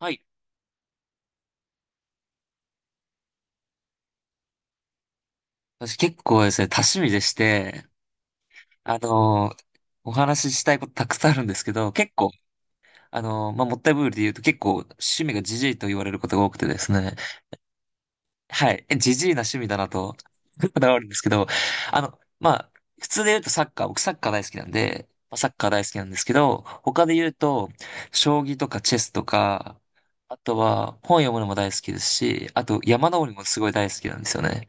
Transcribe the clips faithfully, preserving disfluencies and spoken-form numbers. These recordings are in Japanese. はい。私結構ですね、多趣味でして、あのーお話ししたいことたくさんあるんですけど、結構、あのーまあ、もったいぶりで言うと結構趣味がジジイと言われることが多くてですね。はい。えジジイな趣味だなと、こだわるんですけど、あの、まあ、普通で言うとサッカー、僕サッカー大好きなんで、まあサッカー大好きなんですけど、他で言うと、将棋とかチェスとか、あとは本読むのも大好きですし、あと山登りもすごい大好きなんですよね。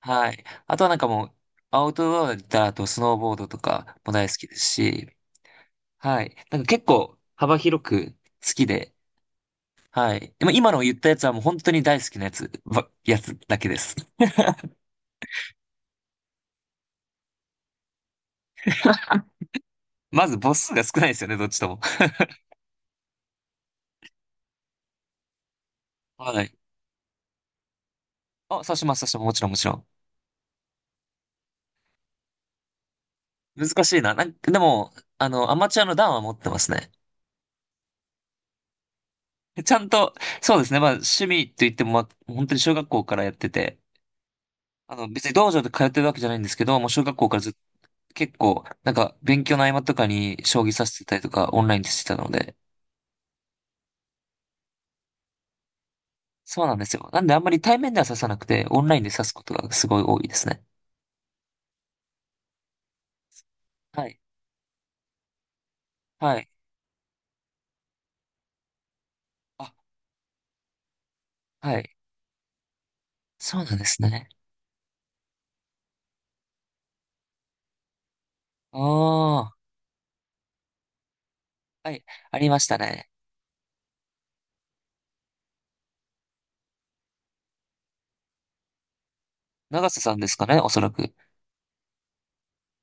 はい。あとはなんかもう、アウトドアだったら、あとスノーボードとかも大好きですし、はい。なんか結構幅広く好きで、はい。でも今の言ったやつはもう本当に大好きなやつ、ば、やつだけです。まず母数が少ないですよね、どっちとも。はい。あ、刺します、刺します。もちろん、もちろん。難しいな。なんか、でも、あの、アマチュアの段は持ってますね。ちゃんと、そうですね。まあ、趣味と言っても、まあ、本当に小学校からやってて、あの、別に道場で通ってるわけじゃないんですけど、もう小学校からずっ結構、なんか勉強の合間とかに将棋指してたりとかオンラインでしてたので、そうなんですよ。なんであんまり対面では指さなくて、オンラインで指すことがすごい多いですね。はい。はい。あ、はい。そうなんですね。ああ、はい。ありましたね。長瀬さんですかね、おそらく。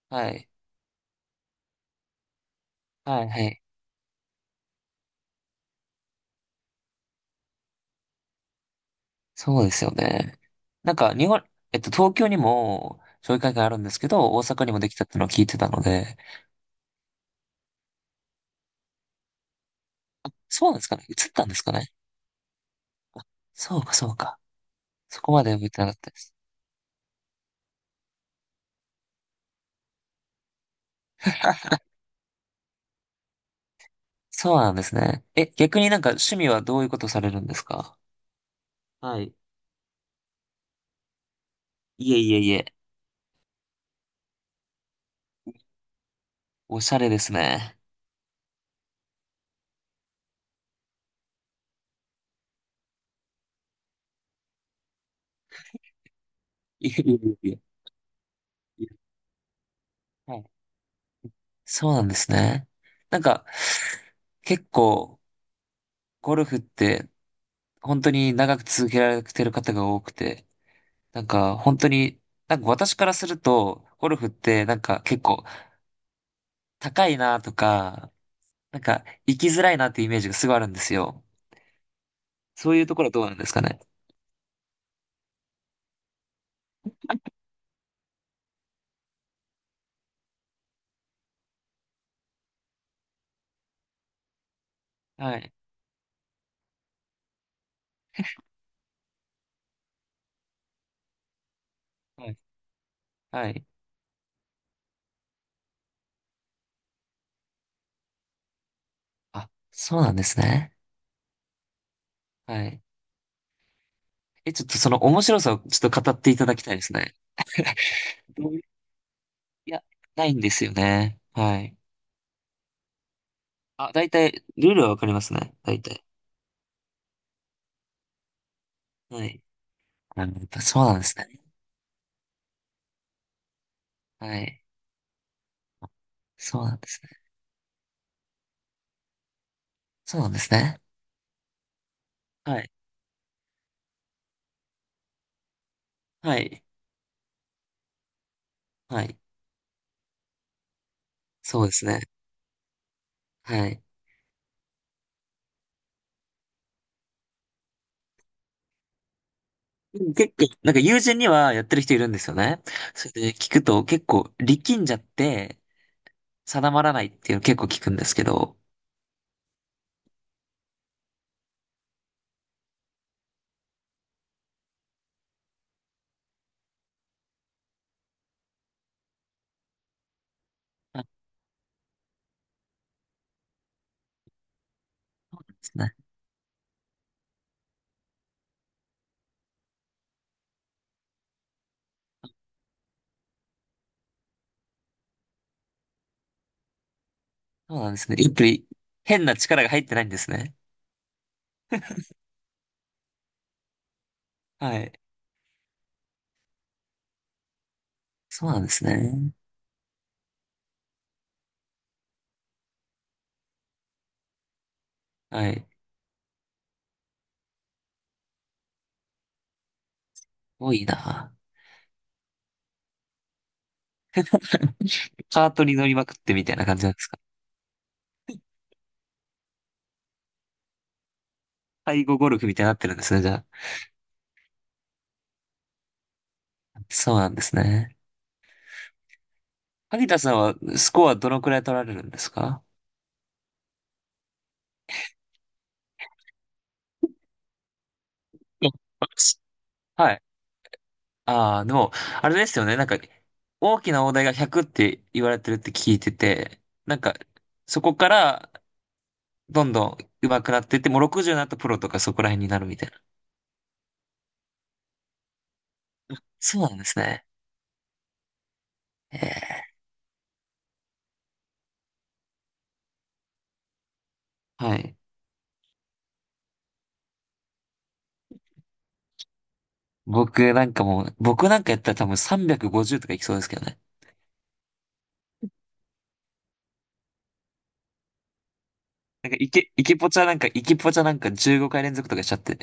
はい。はい、はい。そうですよね。なんか、日本、えっと、東京にも、将棋会館あるんですけど、大阪にもできたってのを聞いてたので、そうなんですかね、移ったんですかね。そうか、そうか。そこまで見てなかったです。そうなんですね。え、逆になんか趣味はどういうことされるんですか？はい。いえいえいえ。おしゃれですね。いえいえいえいえ。はい。そうなんですね。なんか、結構、ゴルフって、本当に長く続けられてる方が多くて、なんか、本当に、なんか私からすると、ゴルフって、なんか結構、高いなとか、なんか、行きづらいなっていうイメージがすごいあるんですよ。そういうところはどうなんですかね。はい。はい。はい。あ、そうなんですね。はい。え、ちょっとその面白さをちょっと語っていただきたいですね。どういいや、ないんですよね。はい。あ、大体、ルールはわかりますね。大体。はい。あ、やっぱそうなんですね。はい。そうなんですね。そうなんですね。はい。はい。はい。そうですね。はい。でも結構、なんか友人にはやってる人いるんですよね。それで聞くと結構力んじゃって定まらないっていうの結構聞くんですけど。はい、そうなんですね。やっぱり変な力が入ってないんですね。はい。そうなんですね。はい。多いな。カートに乗りまくってみたいな感じなんですか？背後ゴルフみたいになってるんですね、じゃあ。そうなんですね。萩田さんはスコアどのくらい取られるんですか？うん、はい。ああ、でも、あれですよね。なんか、大きな大台がひゃくって言われてるって聞いてて、なんか、そこから、どんどん上手くなってって、もうろくじゅうになったプロとかそこら辺になるみたいな。そうなんですね。ええ、はい。僕なんかもう、僕なんかやったら多分さんびゃくごじゅうとかいきそうですけどね。なんか、イケ、イケポチャなんか、イケポチャなんかじゅうごかい連続とかしちゃって。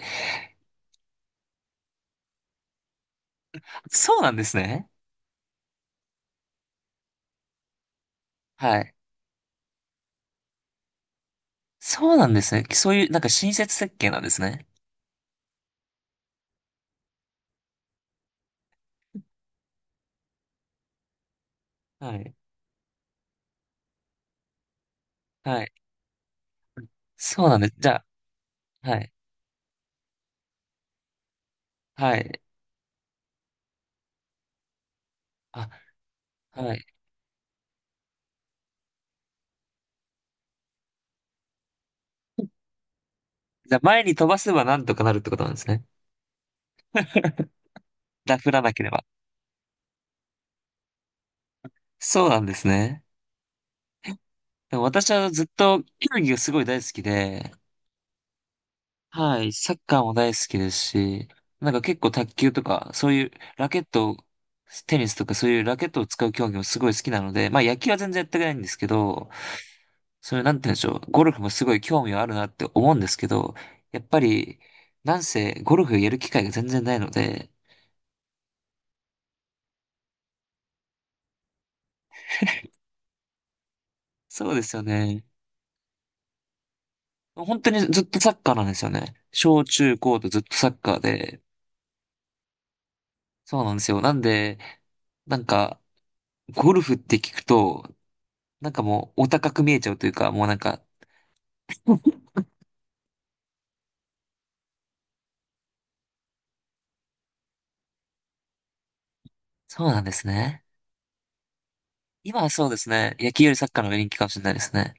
そうなんですね。はい。そうなんですね。そういう、なんか親切設計なんですね。はい。はい。そうなんです。じゃあ、はい。はい。あ、はい。じゃあ、前に飛ばせばなんとかなるってことなんですね。ダフらなければ。そうなんですね。でも私はずっと球技がすごい大好きで、はい、サッカーも大好きですし、なんか結構卓球とか、そういうラケットを、テニスとかそういうラケットを使う競技もすごい好きなので、まあ野球は全然やってないんですけど、それなんて言うんでしょう、ゴルフもすごい興味はあるなって思うんですけど、やっぱり、なんせゴルフやる機会が全然ないので、そうですよね。本当にずっとサッカーなんですよね。小中高とずっとサッカーで、そうなんですよ。なんで、なんか、ゴルフって聞くと、なんかもうお高く見えちゃうというか、もうなんか、そうなんですね。今はそうですね。野球よりサッカーの方が人気かもしれないですね。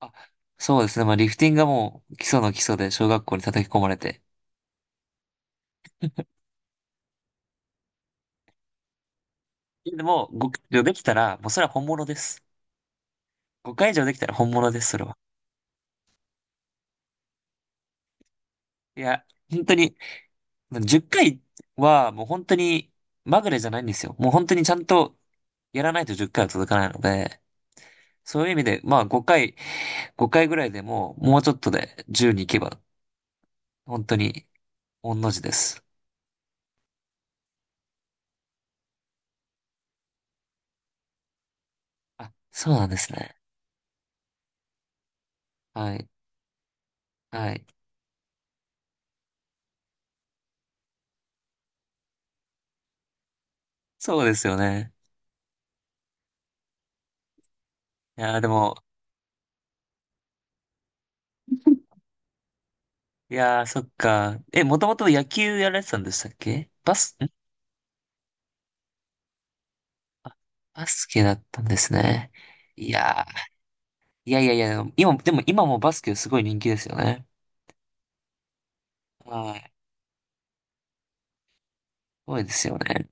あ、そうですね。まあリフティングがもう基礎の基礎で小学校に叩き込まれて。いやでも、ごかい以上できたら、もうそれは本物です。ごかい以上できたら本物です、それは。いや、本当に、じっかいはもう本当にまぐれじゃないんですよ。もう本当にちゃんとやらないとじっかいは続かないので、そういう意味で、まあごかい、ごかいぐらいでももうちょっとでじゅうに行けば、本当に御の字です。あ、そうなんですね。はい。はい。そうですよね。いやー、でも、いやー、そっか。え、もともと野球やられてたんでしたっけ、バス、ん、バスケだったんですね。いやー、いやいやいや、でも今、でも今もバスケすごい人気ですよね。はい。すごいですよね。